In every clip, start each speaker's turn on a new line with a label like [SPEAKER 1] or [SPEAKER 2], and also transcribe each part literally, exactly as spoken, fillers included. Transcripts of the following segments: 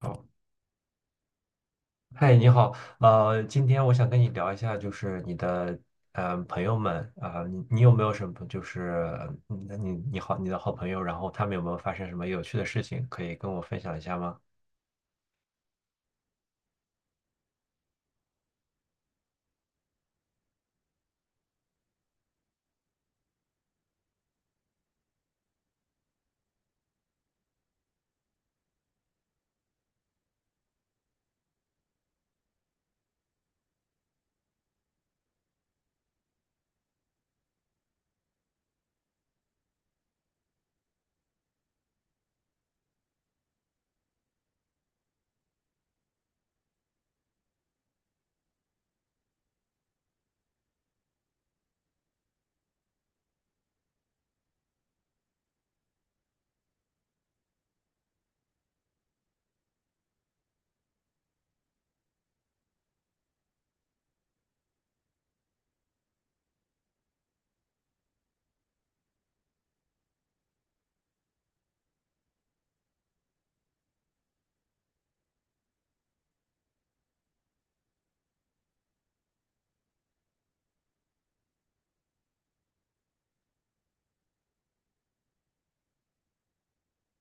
[SPEAKER 1] 好。嗨，你好，呃，今天我想跟你聊一下，就是你的呃朋友们啊、呃你你有没有什么就是嗯你你好你的好朋友，然后他们有没有发生什么有趣的事情，可以跟我分享一下吗？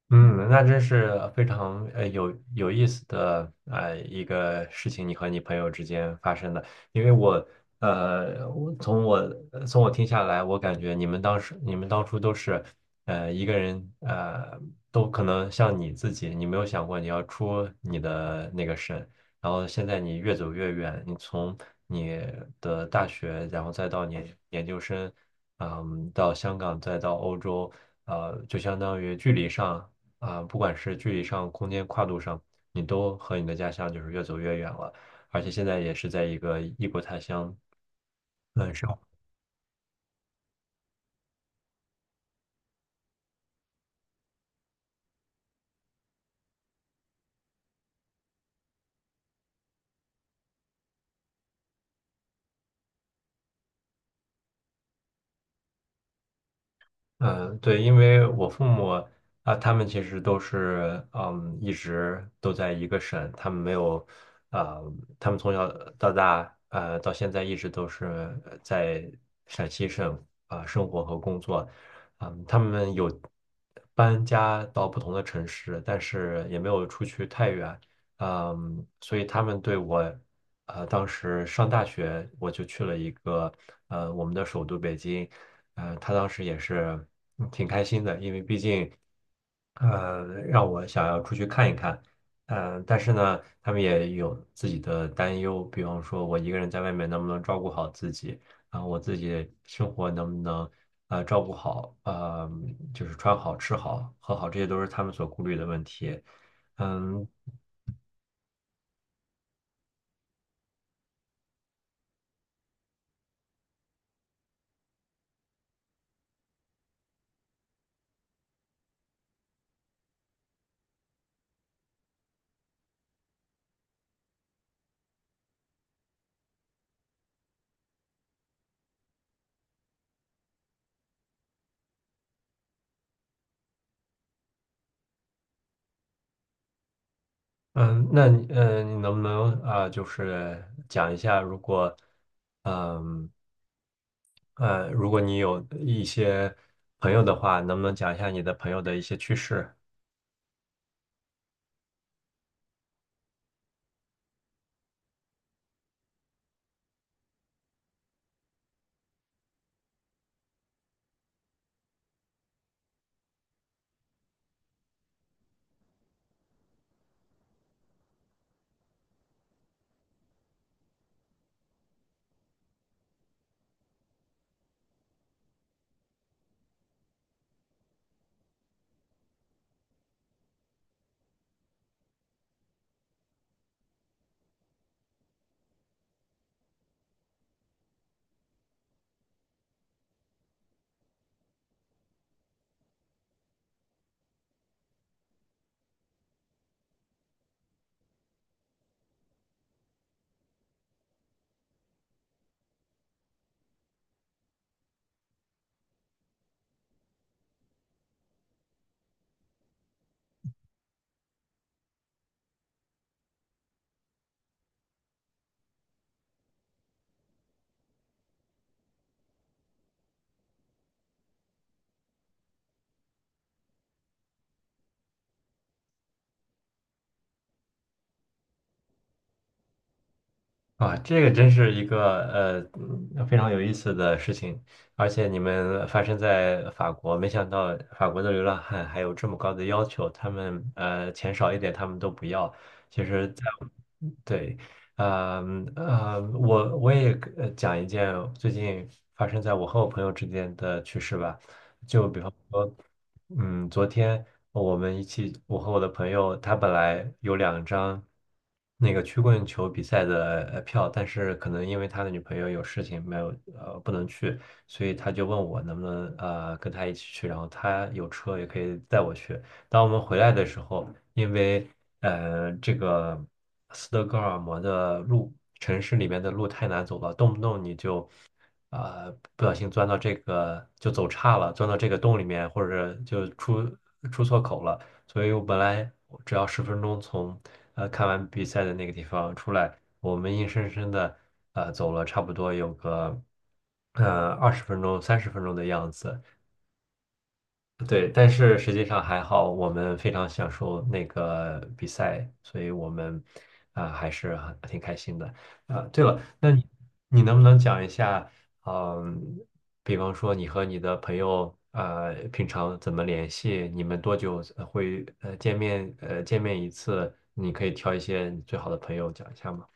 [SPEAKER 1] 嗯，那真是非常呃有有意思的呃一个事情，你和你朋友之间发生的。因为我呃，我从我呃从我听下来，我感觉你们当时你们当初都是呃一个人呃都可能像你自己，你没有想过你要出你的那个省，然后现在你越走越远，你从你的大学，然后再到你研究生，嗯，到香港，再到欧洲。呃，就相当于距离上。啊、不管是距离上、空间跨度上，你都和你的家乡就是越走越远了。而且现在也是在一个异国他乡，嗯，生活。嗯，对，因为我父母啊，他们其实都是嗯，一直都在一个省，他们没有，啊，他们从小到大，呃，到现在一直都是呃在陕西省啊，呃生活和工作，嗯，他们有搬家到不同的城市，但是也没有出去太远，嗯，所以他们对我。呃，当时上大学我就去了一个呃我们的首都北京，呃，他当时也是嗯挺开心的，因为毕竟呃让我想要出去看一看，呃，但是呢，他们也有自己的担忧，比方说我一个人在外面能不能照顾好自己，啊、我自己生活能不能呃照顾好，呃，就是穿好、吃好、喝好，这些都是他们所顾虑的问题。嗯，嗯，那你呃，你能不能啊、呃就是讲一下，如果嗯呃，如果你有一些朋友的话，能不能讲一下你的朋友的一些趣事？啊，这个真是一个呃非常有意思的事情，而且你们发生在法国，没想到法国的流浪汉还有这么高的要求，他们呃钱少一点他们都不要。其实在，对，呃呃，我我也呃讲一件最近发生在我和我朋友之间的趣事吧，就比方说。嗯，昨天我们一起，我和我的朋友，他本来有两张那个曲棍球比赛的呃票，但是可能因为他的女朋友有事情没有呃不能去，所以他就问我能不能呃跟他一起去，然后他有车也可以带我去，当我们回来的时候，因为呃，这个斯德哥尔摩的路，城市里面的路太难走了，动不动你就啊、不小心钻到这个就走岔了，钻到这个洞里面，或者就出出错口了。所以我本来我只要十分钟从呃看完比赛的那个地方出来，我们硬生生的呃走了差不多有个呃二十分钟、三十分钟的样子。对，但是实际上还好，我们非常享受那个比赛，所以我们啊、还是很挺开心的啊、对了，那你你能不能讲一下，嗯、比方说你和你的朋友呃平常怎么联系？你们多久呃会呃见面呃见面一次？你可以挑一些你最好的朋友讲一下吗？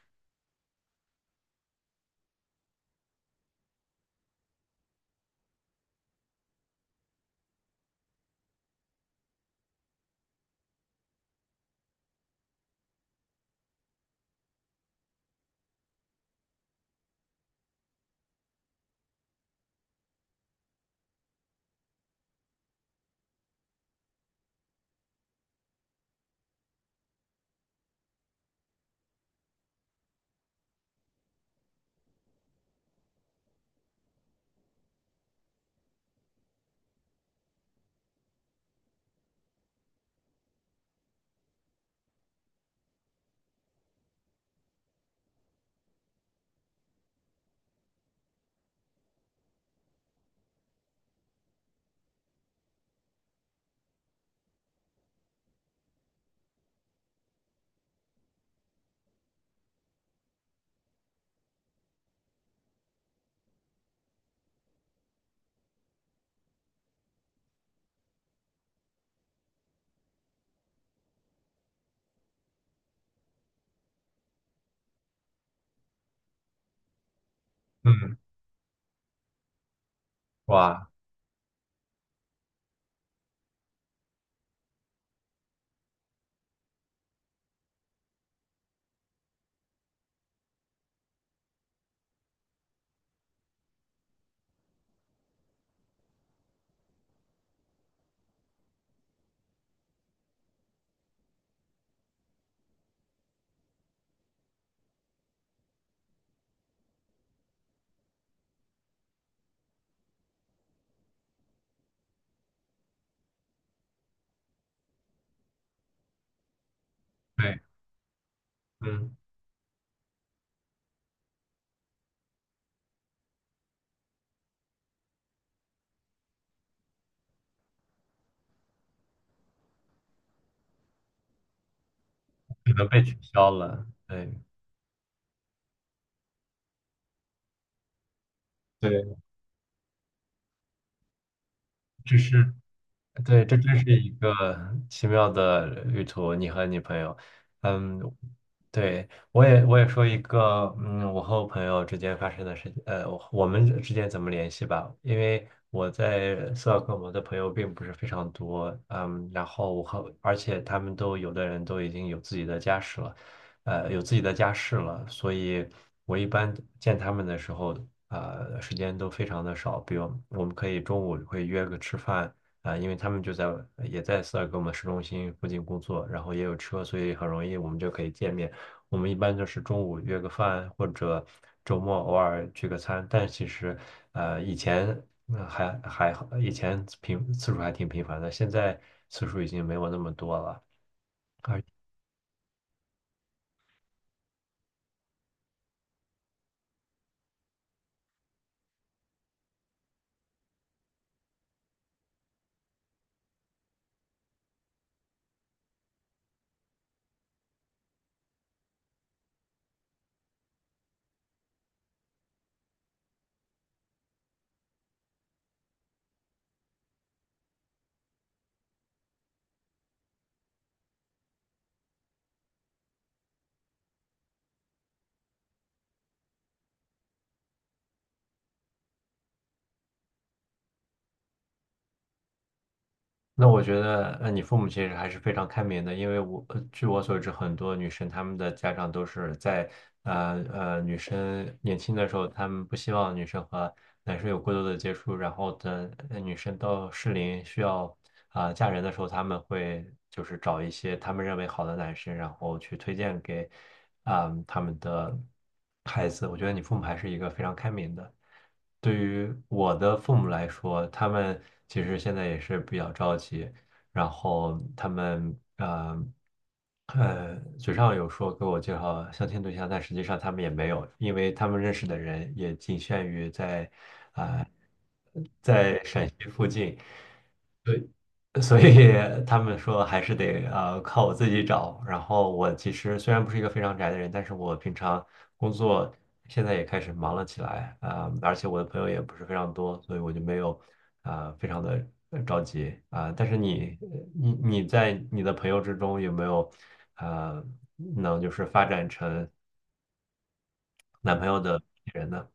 [SPEAKER 1] 嗯，哇，对，嗯，可能被取消了，对。对，这是对，这真是一个奇妙的旅途，你和你朋友，嗯，对，我也我也说一个，嗯，我和我朋友之间发生的事情，呃，我我们之间怎么联系吧？因为我在斯德哥尔摩的朋友并不是非常多，嗯，然后我和而且他们都有的人都已经有自己的家室了，呃，有自己的家室了，所以我一般见他们的时候，呃，时间都非常的少，比如我们可以中午会约个吃饭。啊、因为他们就在也在斯德格尔摩市中心附近工作，然后也有车，所以很容易我们就可以见面。我们一般就是中午约个饭，或者周末偶尔聚个餐。但其实，呃，以前呃还还好，以前频次数还挺频繁的，现在次数已经没有那么多了。那我觉得，呃，你父母其实还是非常开明的，因为我，呃据我所知，很多女生她们的家长都是在，呃呃，女生年轻的时候，她们不希望女生和男生有过多的接触，然后等呃女生到适龄需要啊、呃嫁人的时候，他们会就是找一些他们认为好的男生，然后去推荐给啊、他们的孩子。我觉得你父母还是一个非常开明的。对于我的父母来说，他们其实现在也是比较着急，然后他们呃呃嘴上有说给我介绍相亲对象，但实际上他们也没有，因为他们认识的人也仅限于在啊、在陕西附近，对，所以他们说还是得呃靠我自己找。然后我其实虽然不是一个非常宅的人，但是我平常工作现在也开始忙了起来啊、呃而且我的朋友也不是非常多，所以我就没有啊、呃非常的着急啊、但是你你你在你的朋友之中有没有啊能就是发展成男朋友的人呢？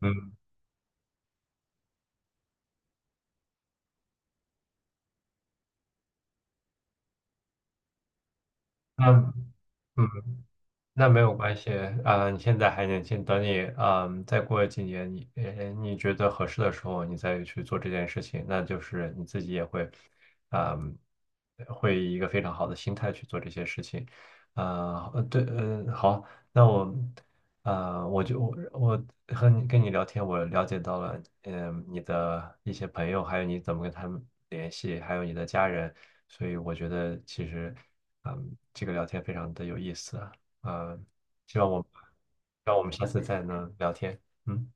[SPEAKER 1] 嗯，那嗯，那没有关系，啊、你现在还年轻，等你，嗯，再过几年，你，呃你觉得合适的时候，你再去做这件事情，那就是你自己也会，嗯，会以一个非常好的心态去做这些事情，啊、呃，对，嗯、好，那我，呃，我就我我和你跟你聊天，我了解到了，嗯，你的一些朋友，还有你怎么跟他们联系，还有你的家人，所以我觉得其实，嗯，这个聊天非常的有意思。呃，希望我们，希望我们下次再能聊天。嗯。